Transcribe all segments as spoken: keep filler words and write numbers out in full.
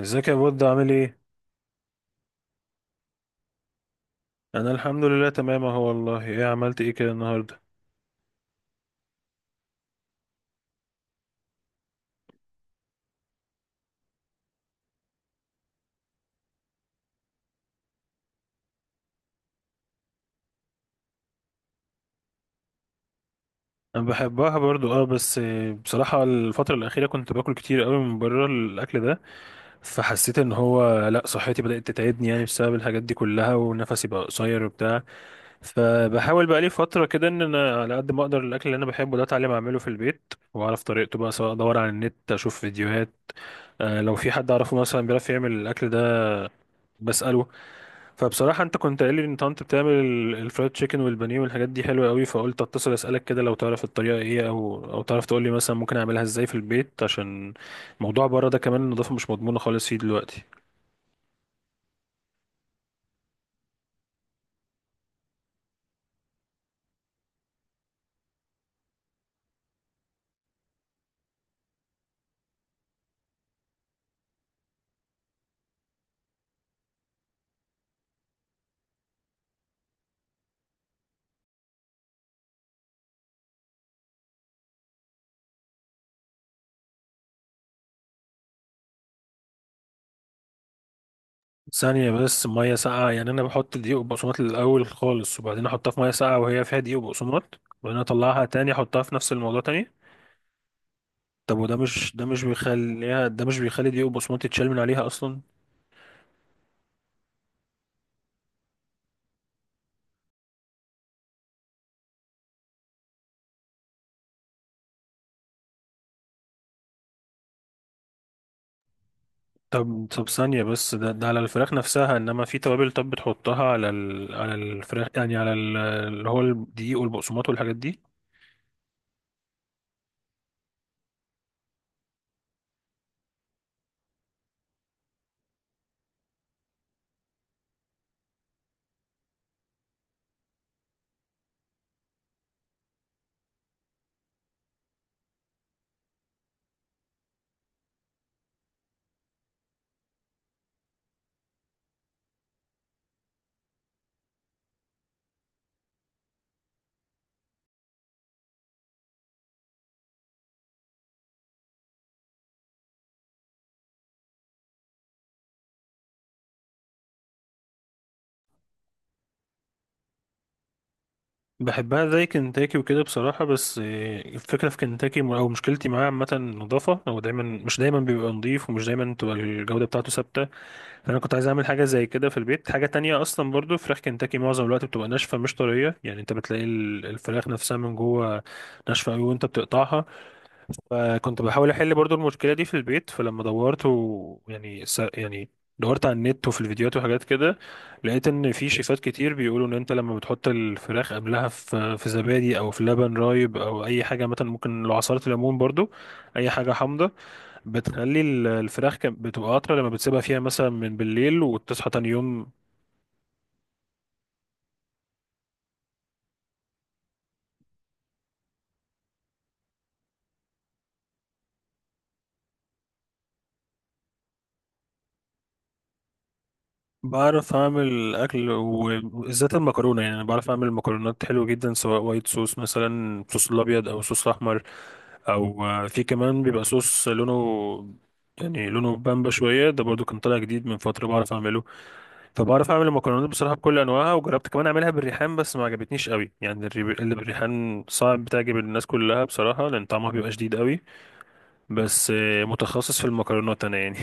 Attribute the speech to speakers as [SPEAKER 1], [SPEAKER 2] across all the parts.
[SPEAKER 1] ازيك يا بود، عامل ايه؟ انا الحمد لله تمام اهو، والله ايه عملت ايه كده النهارده؟ انا بحبها برضو اه، بس آه، بصراحه الفتره الاخيره كنت باكل كتير قوي من بره الاكل ده. فحسيت ان هو لا صحتي بدات تتعبني يعني بسبب الحاجات دي كلها، ونفسي بقى قصير وبتاع. فبحاول بقى لي فتره كده ان انا على قد ما اقدر، الاكل اللي انا بحبه ده اتعلم اعمله في البيت واعرف طريقته بقى، سواء ادور على النت اشوف فيديوهات. آه، لو في حد اعرفه مثلا بيعرف يعمل الاكل ده بساله. فبصراحة انت كنت قايل لي ان انت بتعمل ال- الفرايد تشيكن والبانيه والحاجات دي حلوة قوي، فقلت اتصل اسألك كده لو تعرف الطريقة ايه، او او تعرف تقول لي مثلا ممكن اعملها ازاي في البيت، عشان موضوع بره ده كمان النظافة مش مضمونة خالص فيه دلوقتي. ثانية بس، مية ساقعة؟ يعني انا بحط دقيق وبقسماط الاول خالص وبعدين احطها في مية ساقعة وهي فيها دقيق وبقسماط، وبعدين اطلعها تاني احطها في نفس الموضوع تاني؟ طب وده مش، ده مش بيخليها، ده مش بيخلي دقيق وبقسماط يتشال من عليها اصلا؟ طب طب ثانية بس، ده, ده على الفراخ نفسها، انما في توابل؟ طب بتحطها على ال... على الفراخ يعني على ال... اللي هو الدقيق والبقسماط والحاجات دي؟ بحبها زي كنتاكي وكده بصراحة، بس آه، الفكرة في كنتاكي م- او مشكلتي معاه عامة النظافة، هو دايما مش دايما بيبقى نظيف، ومش دايما تبقى الجودة بتاعته ثابتة. فانا كنت عايز اعمل حاجة زي كده في البيت، حاجة تانية اصلا. برضو فراخ كنتاكي معظم الوقت بتبقى ناشفة مش طرية، يعني انت بتلاقي ال- الفراخ نفسها من جوه ناشفة قوي وانت بتقطعها. فكنت بحاول احل برضو المشكله دي في البيت، فلما دورت و... يعني س... يعني دورت على النت وفي الفيديوهات وحاجات كده. لقيت ان في شيفات كتير بيقولوا ان انت لما بتحط الفراخ قبلها في في زبادي او في لبن رايب او اي حاجه، مثلا ممكن لو عصاره ليمون برضو، اي حاجه حامضه بتخلي ال- الفراخ كان- بتبقى اطرى لما بتسيبها فيها مثلا من بالليل وتصحى تاني يوم. بعرف اعمل اكل وبالذات المكرونه، يعني انا بعرف اعمل مكرونات حلوه جدا، سواء وايت صوص مثلا، صوص الابيض او صوص احمر، او آه، في كمان بيبقى صوص لونه، يعني لونه بامبا شويه، ده برضو كان طالع جديد من فتره بعرف اعمله. فبعرف اعمل المكرونات بصراحه بكل انواعها، وجربت كمان اعملها بالريحان بس ما عجبتنيش قوي، يعني الري- اللي بالريحان صعب تعجب الناس كلها بصراحه، لان طعمها بيبقى شديد قوي. بس آه، متخصص في المكرونات انا يعني.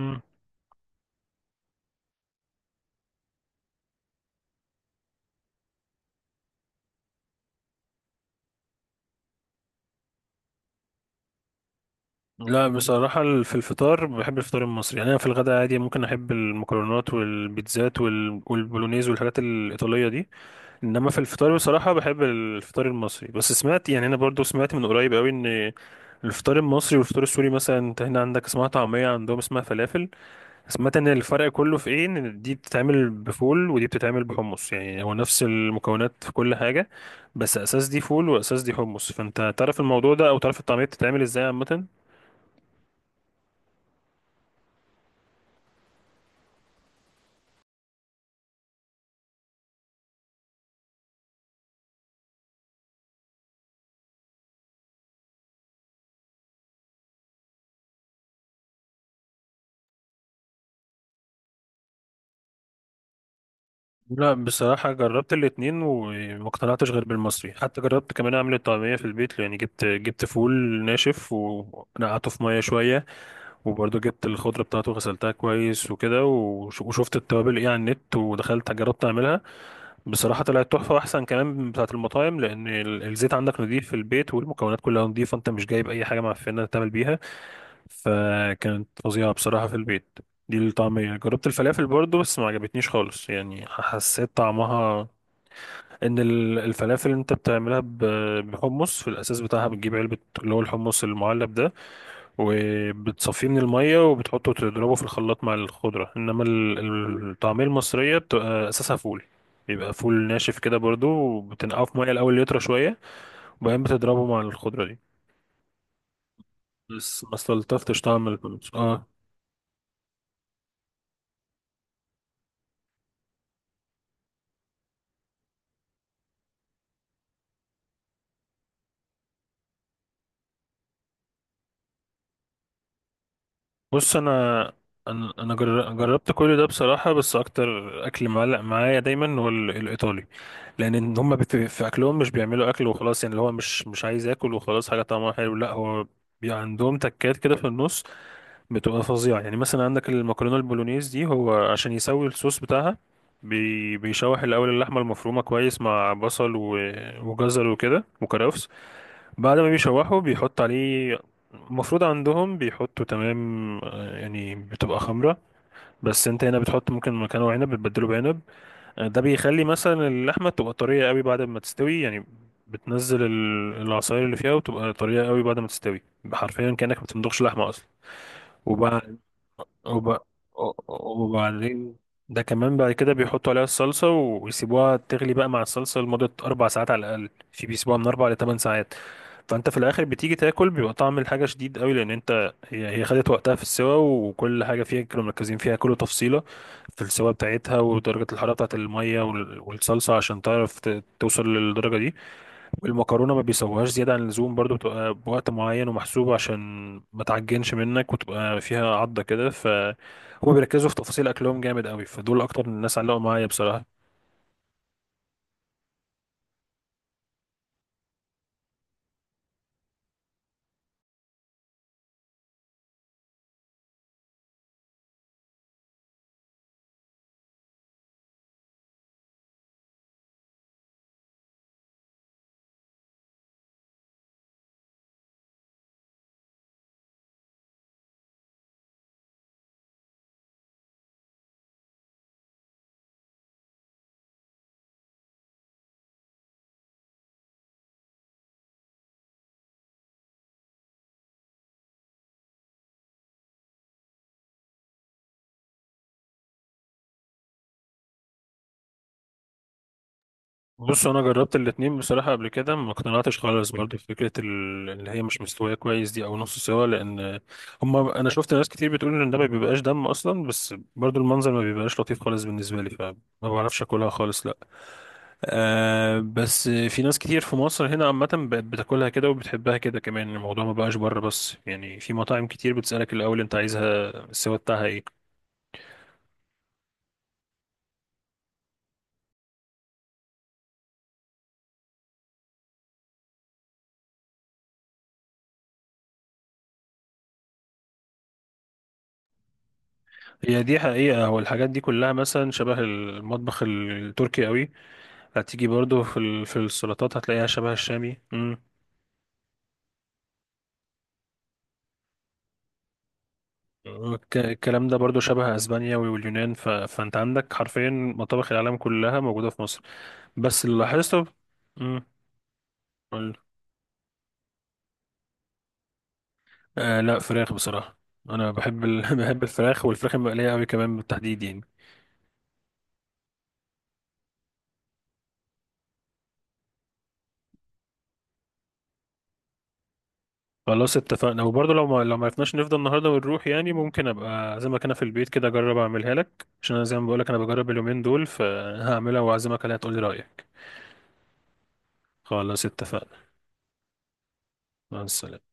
[SPEAKER 1] مم. لا بصراحة، ال- في الفطار بحب الفطار المصري، يعني أنا في الغداء عادي ممكن أحب المكرونات والبيتزات وال- والبولونيز والحاجات الإيطالية دي. انما في الفطار بصراحة بحب الفطار المصري، بس سمعت يعني انا برضو سمعت من قريب قوي ان الفطار المصري والفطار السوري، مثلا انت هنا عندك اسمها طعمية، عندهم اسمها فلافل. سمعت ان الفرق كله في ايه، ان دي بتتعمل بفول ودي بتتعمل بحمص، يعني هو نفس المكونات في كل حاجة بس اساس دي فول واساس دي حمص. فانت تعرف الموضوع ده، او تعرف الطعمية بتتعمل ازاي عامة؟ لا بصراحة جربت الاتنين وما اقتنعتش غير بالمصري، حتى جربت كمان اعمل الطعمية في البيت، يعني جبت جبت فول ناشف ونقعته في مية شوية. وبرضه جبت الخضرة بتاعته غسلتها كويس وكده، وش- وشفت التوابل ايه على النت، ودخلت جربت اعملها. بصراحة طلعت تحفة، واحسن كمان من بتاعة المطاعم، لان ال- الزيت عندك نضيف في البيت، والمكونات كلها نضيفة، انت مش جايب اي حاجة معفنة تعمل بيها. فكانت فظيعة بصراحة في البيت دي الطعمية. جربت الفلافل برضه بس ما عجبتنيش خالص، يعني حسيت طعمها، ان ال- الفلافل انت بتعملها ب- بحمص في الاساس بتاعها، بتجيب علبة اللي هو الحمص المعلب ده، وبتصفيه من المية وبتحطه تضربه في الخلاط مع الخضرة، انما ال- ال- الطعمية المصرية بتبقى اساسها فول. بيبقى فول ناشف كده برضو، وبتنقعه في مية الاول يطرى شوية، وبعدين بتضربه مع الخضرة دي. بس ما استلطفتش طعم البطاطس اه. بص انا انا انا جر- جربت كل ده بصراحة، بس اكتر اكل معلق معايا دايما هو ال- الايطالي. لان إن هما بت- في اكلهم مش بيعملوا اكل وخلاص، يعني اللي هو مش مش عايز اكل وخلاص حاجة طعمها حلو، لا هو بي عندهم تكات كده في النص بتبقى فظيعة. يعني مثلا عندك المكرونة البولونيز دي، هو عشان يسوي الصوص بتاعها بي بيشوح الأول اللحمة المفرومة كويس مع بصل و- وجزر وكده وكرفس. بعد ما بيشوحه بيحط عليه المفروض عندهم بيحطوا تمام، آه، يعني بتبقى خمرة، بس انت هنا بتحط ممكن مكانه عنب، بتبدله بعنب. آه، ده بيخلي مثلا اللحمة تبقى طرية قوي بعد ما تستوي، يعني بتنزل ال- العصاير اللي فيها وتبقى طرية قوي بعد ما تستوي. حرفيا كأنك ما بتمضغش لحمة أصلا. وب... وبعدين ده كمان بعد كده بيحطوا عليها الصلصة ويسيبوها تغلي بقى مع الصلصة لمدة أربع ساعات على الأقل، في بيسيبوها من أربع لتمن ساعات. فأنت في الآخر بتيجي تاكل بيبقى طعم الحاجة شديد قوي، لأن أنت هي هي خدت وقتها في السوا، وكل حاجة فيها كانوا مركزين فيها كل تفصيلة في السوا بتاعتها ودرجة الحرارة بتاعت المية وال- والصلصة، عشان تعرف ت- توصل للدرجة دي. والمكرونه ما بيسووهاش زياده عن اللزوم برضو، بتبقى بوقت معين ومحسوب عشان ما تعجنش منك وتبقى فيها عضه كده. فهما بيركزوا في تفاصيل اكلهم جامد قوي، فدول اكتر الناس علقوا معايا بصراحه. بص انا جربت الاتنين بصراحه قبل كده، ما اقتنعتش خالص برضو في فكره ال- اللي هي مش مستويه كويس دي، او نص سوا، لان هما انا شفت ناس كتير بتقول ان ده ما بيبقاش دم اصلا، بس برضو المنظر ما بيبقاش لطيف خالص بالنسبه لي، فما بعرفش اكلها خالص لا. آه بس في ناس كتير في مصر هنا عامة بقت بتاكلها كده وبتحبها كده كمان. الموضوع ما بقاش بره بس يعني، في مطاعم كتير بتسألك الأول أنت عايزها السوا بتاعها إيه. هي دي حقيقة، هو الحاجات دي كلها مثلا شبه المطبخ التركي قوي. هتيجي برضو في ال- في السلطات هتلاقيها شبه الشامي. مم. الك- الكلام ده برضو شبه اسبانيا واليونان، ف... فانت عندك حرفيا مطابخ العالم كلها موجودة في مصر. بس اللي لاحظته، مم. آه، لا، فراخ بصراحة. أنا بحب ال... بحب الفراخ والفراخ المقلية أوي كمان بالتحديد يعني. خلاص اتفقنا، وبرضه لو ما لو ما عرفناش نفضل النهاردة ونروح يعني، ممكن أبقى أعزمك أنا في البيت كده أجرب أعملها لك، عشان أنا زي ما بقولك أنا بجرب اليومين دول، فهعملها وأعزمك عليها تقولي رأيك. خلاص اتفقنا. مع السلامة.